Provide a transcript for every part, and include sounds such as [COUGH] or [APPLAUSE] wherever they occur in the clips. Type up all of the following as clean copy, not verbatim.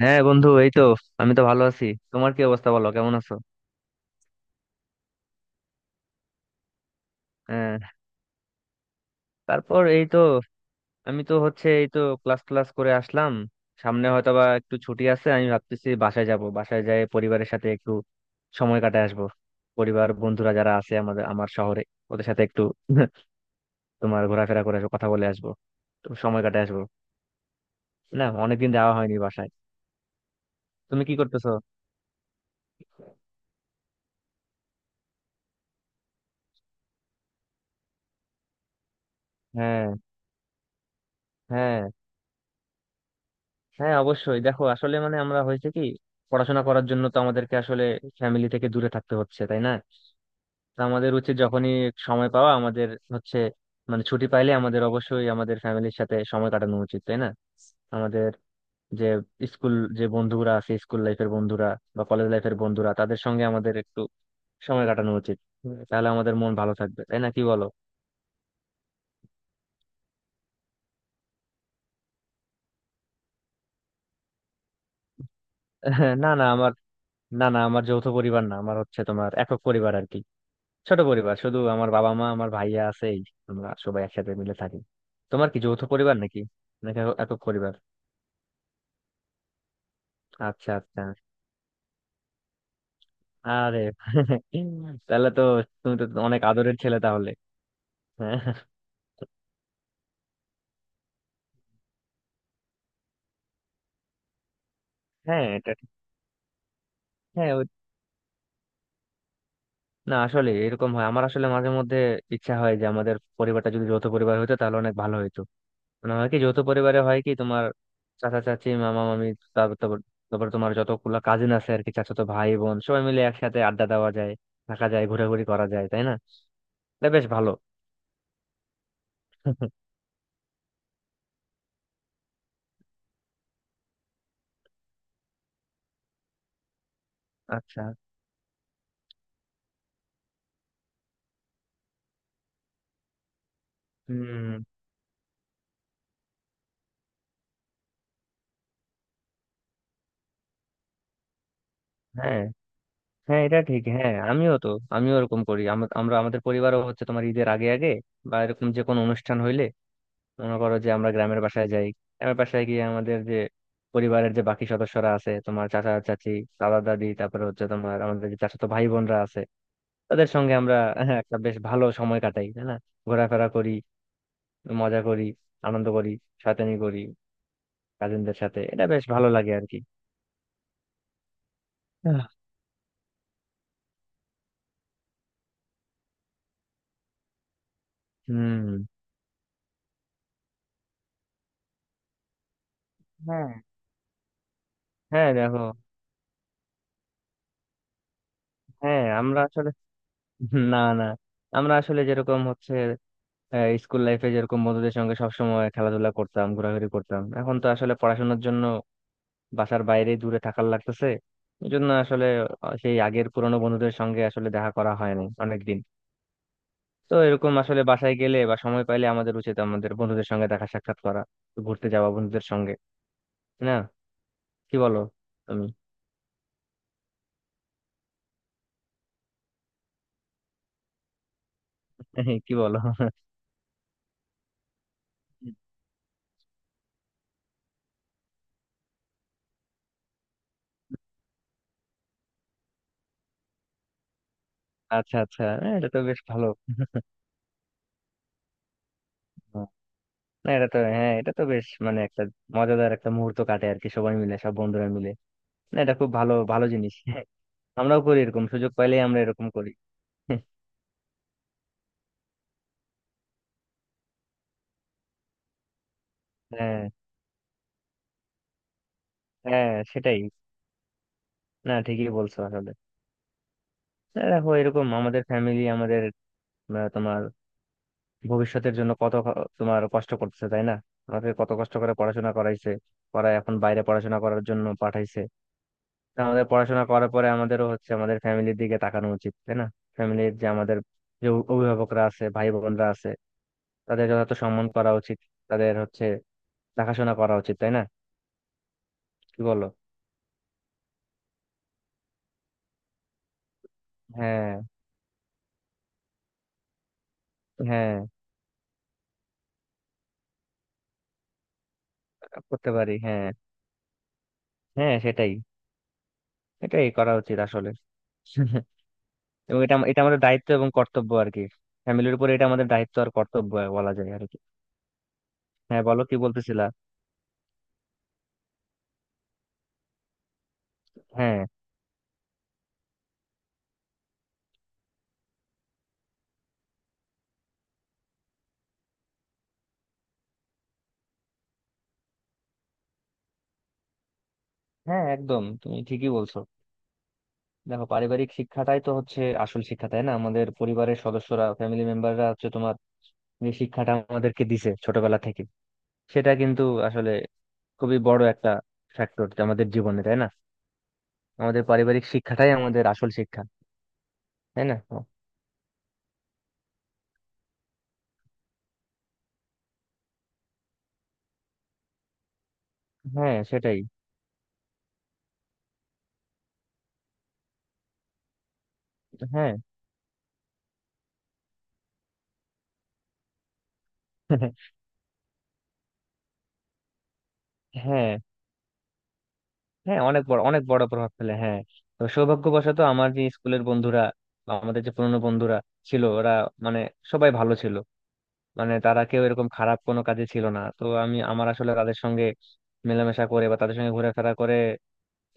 হ্যাঁ বন্ধু, এই তো। আমি তো ভালো আছি। তোমার কি অবস্থা, বলো কেমন আছো? হ্যাঁ। তারপর এই তো, আমি তো হচ্ছে এই তো ক্লাস ক্লাস করে আসলাম। সামনে হয়তো বা একটু ছুটি আছে। আমি ভাবতেছি বাসায় যাব, বাসায় যাই, পরিবারের সাথে একটু সময় কাটায় আসবো। পরিবার, বন্ধুরা যারা আছে আমাদের আমার শহরে, ওদের সাথে একটু [LAUGHS] তোমার ঘোরাফেরা করে আসবো, কথা বলে আসবো, তো সময় কাটায় আসবো। না, অনেকদিন যাওয়া হয়নি বাসায়। তুমি কি করতেছো? হ্যাঁ। হ্যাঁ। হ্যাঁ, অবশ্যই। দেখো, আসলে মানে আমরা হয়েছে কি, পড়াশোনা করার জন্য তো আমাদেরকে আসলে ফ্যামিলি থেকে দূরে থাকতে হচ্ছে, তাই না? তো আমাদের উচিত যখনই সময় পাওয়া আমাদের হচ্ছে মানে ছুটি পাইলে, আমাদের অবশ্যই আমাদের ফ্যামিলির সাথে সময় কাটানো উচিত, তাই না? আমাদের যে স্কুল, যে বন্ধুরা আছে, স্কুল লাইফের বন্ধুরা বা কলেজ লাইফের বন্ধুরা, তাদের সঙ্গে আমাদের একটু সময় কাটানো উচিত। তাহলে আমাদের মন ভালো থাকবে, তাই না, কি বলো? [LAUGHS] না না আমার না না আমার যৌথ পরিবার না, আমার হচ্ছে তোমার একক পরিবার আর কি। ছোট পরিবার, শুধু আমার বাবা মা, আমার ভাইয়া আছে, এই আমরা সবাই একসাথে মিলে থাকি। তোমার কি যৌথ পরিবার নাকি? নাকি একক একক পরিবার? আচ্ছা, আচ্ছা। আরে, [LAUGHS] তাহলে তো তুমি তো অনেক আদরের ছেলে তাহলে। হ্যাঁ। হ্যাঁ, এটা ঠিক। হ্যাঁ না, আসলে এরকম হয় আমার, আসলে মাঝে মধ্যে ইচ্ছা হয় যে আমাদের পরিবারটা যদি যৌথ পরিবার হতো তাহলে অনেক ভালো হতো। মানে হয় কি, যৌথ পরিবারে হয় কি, তোমার চাচা চাচি, মামা মামি, তারপর তারপর তারপর তোমার যতগুলো কাজিন আছে আর কি, চাচাতো ভাই বোন, সবাই মিলে একসাথে আড্ডা দেওয়া যায়, থাকা যায়, ঘোরাঘুরি করা যায়, তাই না? এটা বেশ ভালো। [LAUGHS] আচ্ছা। হুম। হ্যাঁ, হ্যাঁ, এটা ঠিক। হ্যাঁ, আমিও তো আমিও এরকম করি। আমরা আমাদের পরিবারও হচ্ছে তোমার ঈদের আগে আগে বা এরকম যে কোনো অনুষ্ঠান হইলে মনে করো যে আমরা গ্রামের বাসায় যাই। গ্রামের বাসায় গিয়ে আমাদের যে পরিবারের যে বাকি সদস্যরা আছে, তোমার চাচা চাচি, দাদা দাদি, তারপরে হচ্ছে তোমার আমাদের যে চাচাতো ভাই বোনরা আছে, তাদের সঙ্গে আমরা হ্যাঁ, একটা বেশ ভালো সময় কাটাই, তাই না? ঘোরাফেরা করি, মজা করি, আনন্দ করি, শয়তানি করি, কাজিনদের সাথে। এটা বেশ ভালো লাগে আর কি। আহ, হুম। হ্যাঁ, হ্যাঁ, দেখো। হ্যাঁ, আমরা আসলে [LAUGHS] না না, আমরা আসলে যেরকম হচ্ছে, স্কুল লাইফে যেরকম বন্ধুদের সঙ্গে সবসময় খেলাধুলা করতাম, ঘোরাঘুরি করতাম, এখন তো আসলে পড়াশোনার জন্য বাসার বাইরে দূরে থাকার লাগতেছে। এই জন্য আসলে সেই আগের পুরোনো বন্ধুদের সঙ্গে আসলে দেখা করা হয় না অনেকদিন। তো এরকম আসলে বাসায় গেলে বা সময় পাইলে আমাদের উচিত আমাদের বন্ধুদের সঙ্গে দেখা সাক্ষাৎ করা, ঘুরতে যাওয়া বন্ধুদের সঙ্গে। না, কি বলো? তুমি [LAUGHS] কি বলো? আচ্ছা, আচ্ছা। হ্যাঁ, এটা তো বেশ ভালো। হ্যাঁ, না, এটা তো হ্যাঁ, এটা তো বেশ মানে একটা মজাদার একটা মুহূর্ত কাটে আর কি, সবাই মিলে, সব বন্ধুরা মিলে। না, এটা খুব ভালো ভালো জিনিস। [LAUGHS] হ্যাঁ, আমরাও করি এরকম। সুযোগ পাইলে আমরা এরকম করি। [LAUGHS] হ্যাঁ, হ্যাঁ সেটাই। না, ঠিকই বলছো আসলে। দেখো, এরকম আমাদের ফ্যামিলি, আমাদের তোমার ভবিষ্যতের জন্য কত তোমার কষ্ট করতেছে, তাই না? আমাকে কত কষ্ট করে পড়াশোনা করাইছে, পড়ায়, এখন বাইরে পড়াশোনা করার জন্য পাঠাইছে। তা আমাদের পড়াশোনা করার পরে আমাদেরও হচ্ছে আমাদের ফ্যামিলির দিকে তাকানো উচিত, তাই না? ফ্যামিলির যে আমাদের যে অভিভাবকরা আছে, ভাই বোনরা আছে, তাদের যথাযথ সম্মান করা উচিত। তাদের হচ্ছে দেখাশোনা করা উচিত, তাই না, কি বলো? হ্যাঁ, হ্যাঁ, করতে পারি হ্যাঁ। হ্যাঁ সেটাই। এটাই করা উচিত আসলে। [LAUGHS] এবং এটা এটা আমাদের দায়িত্ব এবং কর্তব্য আর কি। ফ্যামিলির উপরে এটা আমাদের দায়িত্ব আর কর্তব্য বলা যায় আর কি। হ্যাঁ, বলো, কি বলতেছিলা? হ্যাঁ, হ্যাঁ, একদম তুমি ঠিকই বলছো। দেখো, পারিবারিক শিক্ষাটাই তো হচ্ছে আসল শিক্ষা, তাই না? আমাদের পরিবারের সদস্যরা, ফ্যামিলি মেম্বাররা হচ্ছে তোমার যে শিক্ষাটা আমাদেরকে দিছে ছোটবেলা থেকে, সেটা কিন্তু আসলে খুবই বড় একটা ফ্যাক্টর আমাদের জীবনে, তাই না? আমাদের পারিবারিক শিক্ষাটাই আমাদের আসল শিক্ষা, তাই না? হ্যাঁ সেটাই। হ্যাঁ, হ্যাঁ। হ্যাঁ, অনেক বড় প্রভাব ফেলে, হ্যাঁ। তো সৌভাগ্যবশত আমার যে স্কুলের বন্ধুরা বা আমাদের যে পুরনো বন্ধুরা ছিল, ওরা মানে সবাই ভালো ছিল। মানে তারা কেউ এরকম খারাপ কোনো কাজে ছিল না। তো আমি আমার আসলে তাদের সঙ্গে মেলামেশা করে বা তাদের সঙ্গে ঘোরাফেরা করে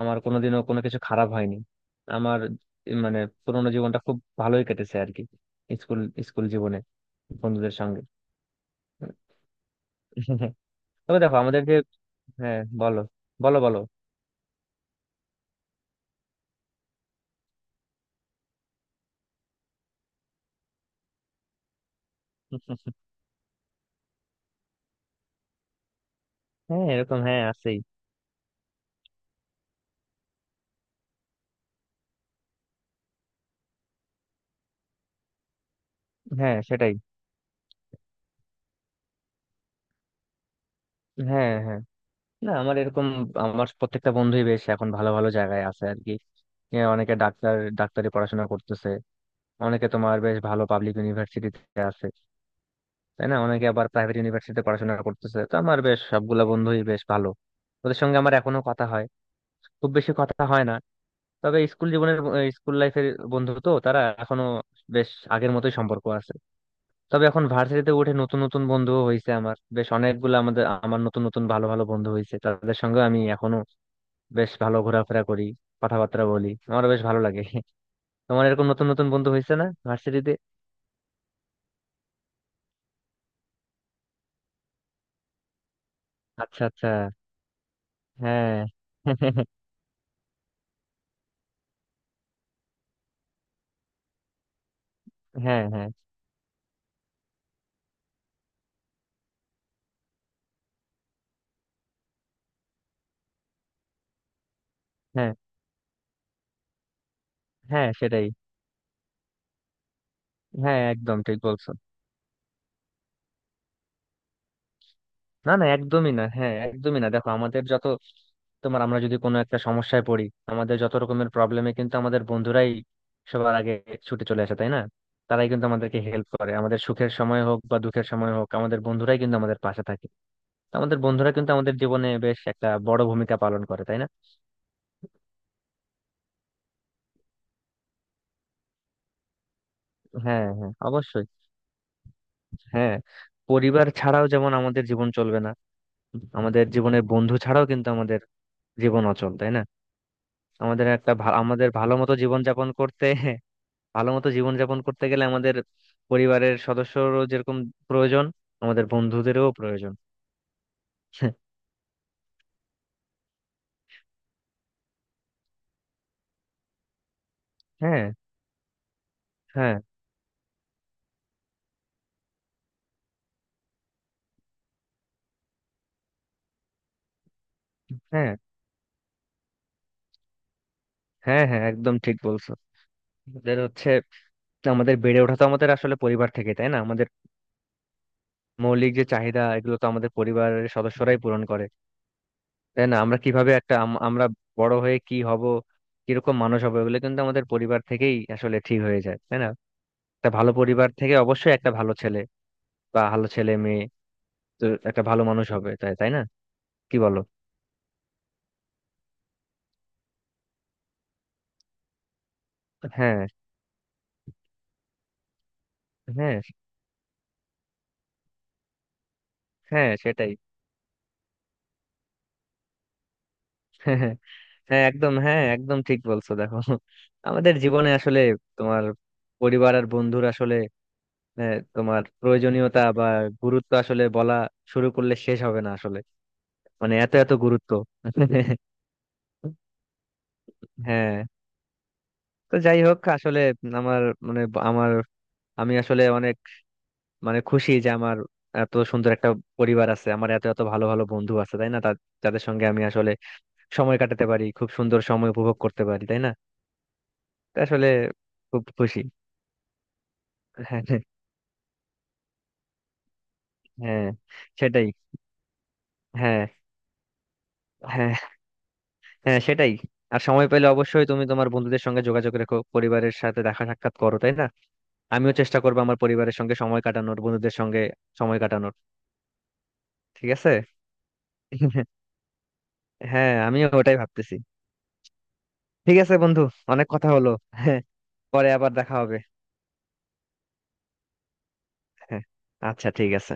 আমার কোনোদিনও কোনো কিছু খারাপ হয়নি। আমার মানে পুরোনো জীবনটা খুব ভালোই কেটেছে আর কি, স্কুল, স্কুল জীবনে বন্ধুদের সঙ্গে। [LAUGHS] তবে দেখো আমাদের যে হ্যাঁ, বলো, বলো। [LAUGHS] হ্যাঁ, এরকম হ্যাঁ আছেই। হ্যাঁ সেটাই। হ্যাঁ, হ্যাঁ। না, আমার এরকম আমার প্রত্যেকটা বন্ধুই বেশ এখন ভালো ভালো জায়গায় আছে আর কি। অনেকে ডাক্তার, ডাক্তারি পড়াশোনা করতেছে, অনেকে তোমার বেশ ভালো পাবলিক ইউনিভার্সিটিতে আছে, তাই না? অনেকে আবার প্রাইভেট ইউনিভার্সিটিতে পড়াশোনা করতেছে। তো আমার বেশ সবগুলা বন্ধুই বেশ ভালো। ওদের সঙ্গে আমার এখনো কথা হয়, খুব বেশি কথা হয় না। তবে স্কুল জীবনের স্কুল লাইফের বন্ধু তো তারা এখনো বেশ আগের মতোই সম্পর্ক আছে। তবে এখন ভার্সিটিতে উঠে নতুন নতুন বন্ধু হয়েছে আমার বেশ অনেকগুলো। আমাদের আমার নতুন নতুন ভালো ভালো বন্ধু হয়েছে, তাদের সঙ্গে আমি এখনো বেশ ভালো ঘোরাফেরা করি, কথাবার্তা বলি, আমার বেশ ভালো লাগে। তোমার এরকম নতুন নতুন বন্ধু হয়েছে না ভার্সিটিতে? আচ্ছা, আচ্ছা। হ্যাঁ। [LAUGHS] হ্যাঁ, হ্যাঁ, হ্যাঁ। হ্যাঁ সেটাই। হ্যাঁ, একদম ঠিক বলছো। না না, একদমই না। হ্যাঁ, একদমই না। দেখো, আমাদের যত তোমার আমরা যদি কোনো একটা সমস্যায় পড়ি, আমাদের যত রকমের প্রবলেমে কিন্তু আমাদের বন্ধুরাই সবার আগে ছুটে চলে আসে, তাই না? তারাই কিন্তু আমাদেরকে হেল্প করে। আমাদের সুখের সময় হোক বা দুঃখের সময় হোক, আমাদের বন্ধুরাই কিন্তু আমাদের পাশে থাকে। তো আমাদের বন্ধুরা কিন্তু আমাদের জীবনে বেশ একটা বড় ভূমিকা পালন করে, তাই না? হ্যাঁ, হ্যাঁ, অবশ্যই। হ্যাঁ। পরিবার ছাড়াও যেমন আমাদের জীবন চলবে না, আমাদের জীবনের বন্ধু ছাড়াও কিন্তু আমাদের জীবন অচল, তাই না? আমাদের একটা আমাদের ভালো মতো জীবন যাপন করতে [LAUGHS] ভালো মতো জীবন যাপন করতে গেলে আমাদের পরিবারের সদস্যরও যেরকম প্রয়োজন, আমাদের বন্ধুদেরও প্রয়োজন। [LAUGHS] হ্যাঁ, হ্যাঁ, হ্যাঁ, হ্যাঁ। হ্যাঁ, একদম ঠিক বলছো। আমাদের হচ্ছে আমাদের বেড়ে ওঠা তো আমাদের আসলে পরিবার থেকে, তাই না? আমাদের মৌলিক যে চাহিদা, এগুলো তো আমাদের পরিবারের সদস্যরাই পূরণ করে। তাই না? আমরা কিভাবে একটা আমরা বড় হয়ে কি হব, কিরকম মানুষ হবো, এগুলো কিন্তু আমাদের পরিবার থেকেই আসলে ঠিক হয়ে যায়, তাই না? একটা ভালো পরিবার থেকে অবশ্যই একটা ভালো ছেলে বা ভালো ছেলে মেয়ে, তো একটা ভালো মানুষ হবে তাই, তাই না, কি বলো? হ্যাঁ, হ্যাঁ। হ্যাঁ সেটাই। [LAUGHS] হ্যাঁ একদম, হ্যাঁ একদম ঠিক বলছো। দেখো, আমাদের জীবনে আসলে তোমার পরিবার আর বন্ধুর আসলে তোমার প্রয়োজনীয়তা বা গুরুত্ব আসলে বলা শুরু করলে শেষ হবে না আসলে, মানে এত এত গুরুত্ব। [LAUGHS] হ্যাঁ। তো যাই হোক আসলে আমার মানে আমার, আমি আসলে অনেক মানে খুশি যে আমার এত সুন্দর একটা পরিবার আছে, আমার এত এত ভালো ভালো বন্ধু আছে, তাই না? যাদের সঙ্গে আমি আসলে সময় কাটাতে পারি, খুব সুন্দর সময় উপভোগ করতে পারি, তাই না? তো আসলে খুব খুশি। হ্যাঁ, হ্যাঁ। হ্যাঁ, সেটাই। হ্যাঁ, হ্যাঁ। হ্যাঁ সেটাই। আর সময় পেলে অবশ্যই তুমি তোমার বন্ধুদের সঙ্গে যোগাযোগ রেখো, পরিবারের সাথে দেখা সাক্ষাৎ করো, তাই না? আমিও চেষ্টা করবো আমার পরিবারের সঙ্গে সময় কাটানোর, বন্ধুদের সঙ্গে সময় কাটানোর। ঠিক আছে। হ্যাঁ, আমিও ওটাই ভাবতেছি। ঠিক আছে বন্ধু, অনেক কথা হলো। [LAUGHS] হ্যাঁ, পরে আবার দেখা হবে। হ্যাঁ, আচ্ছা, ঠিক আছে।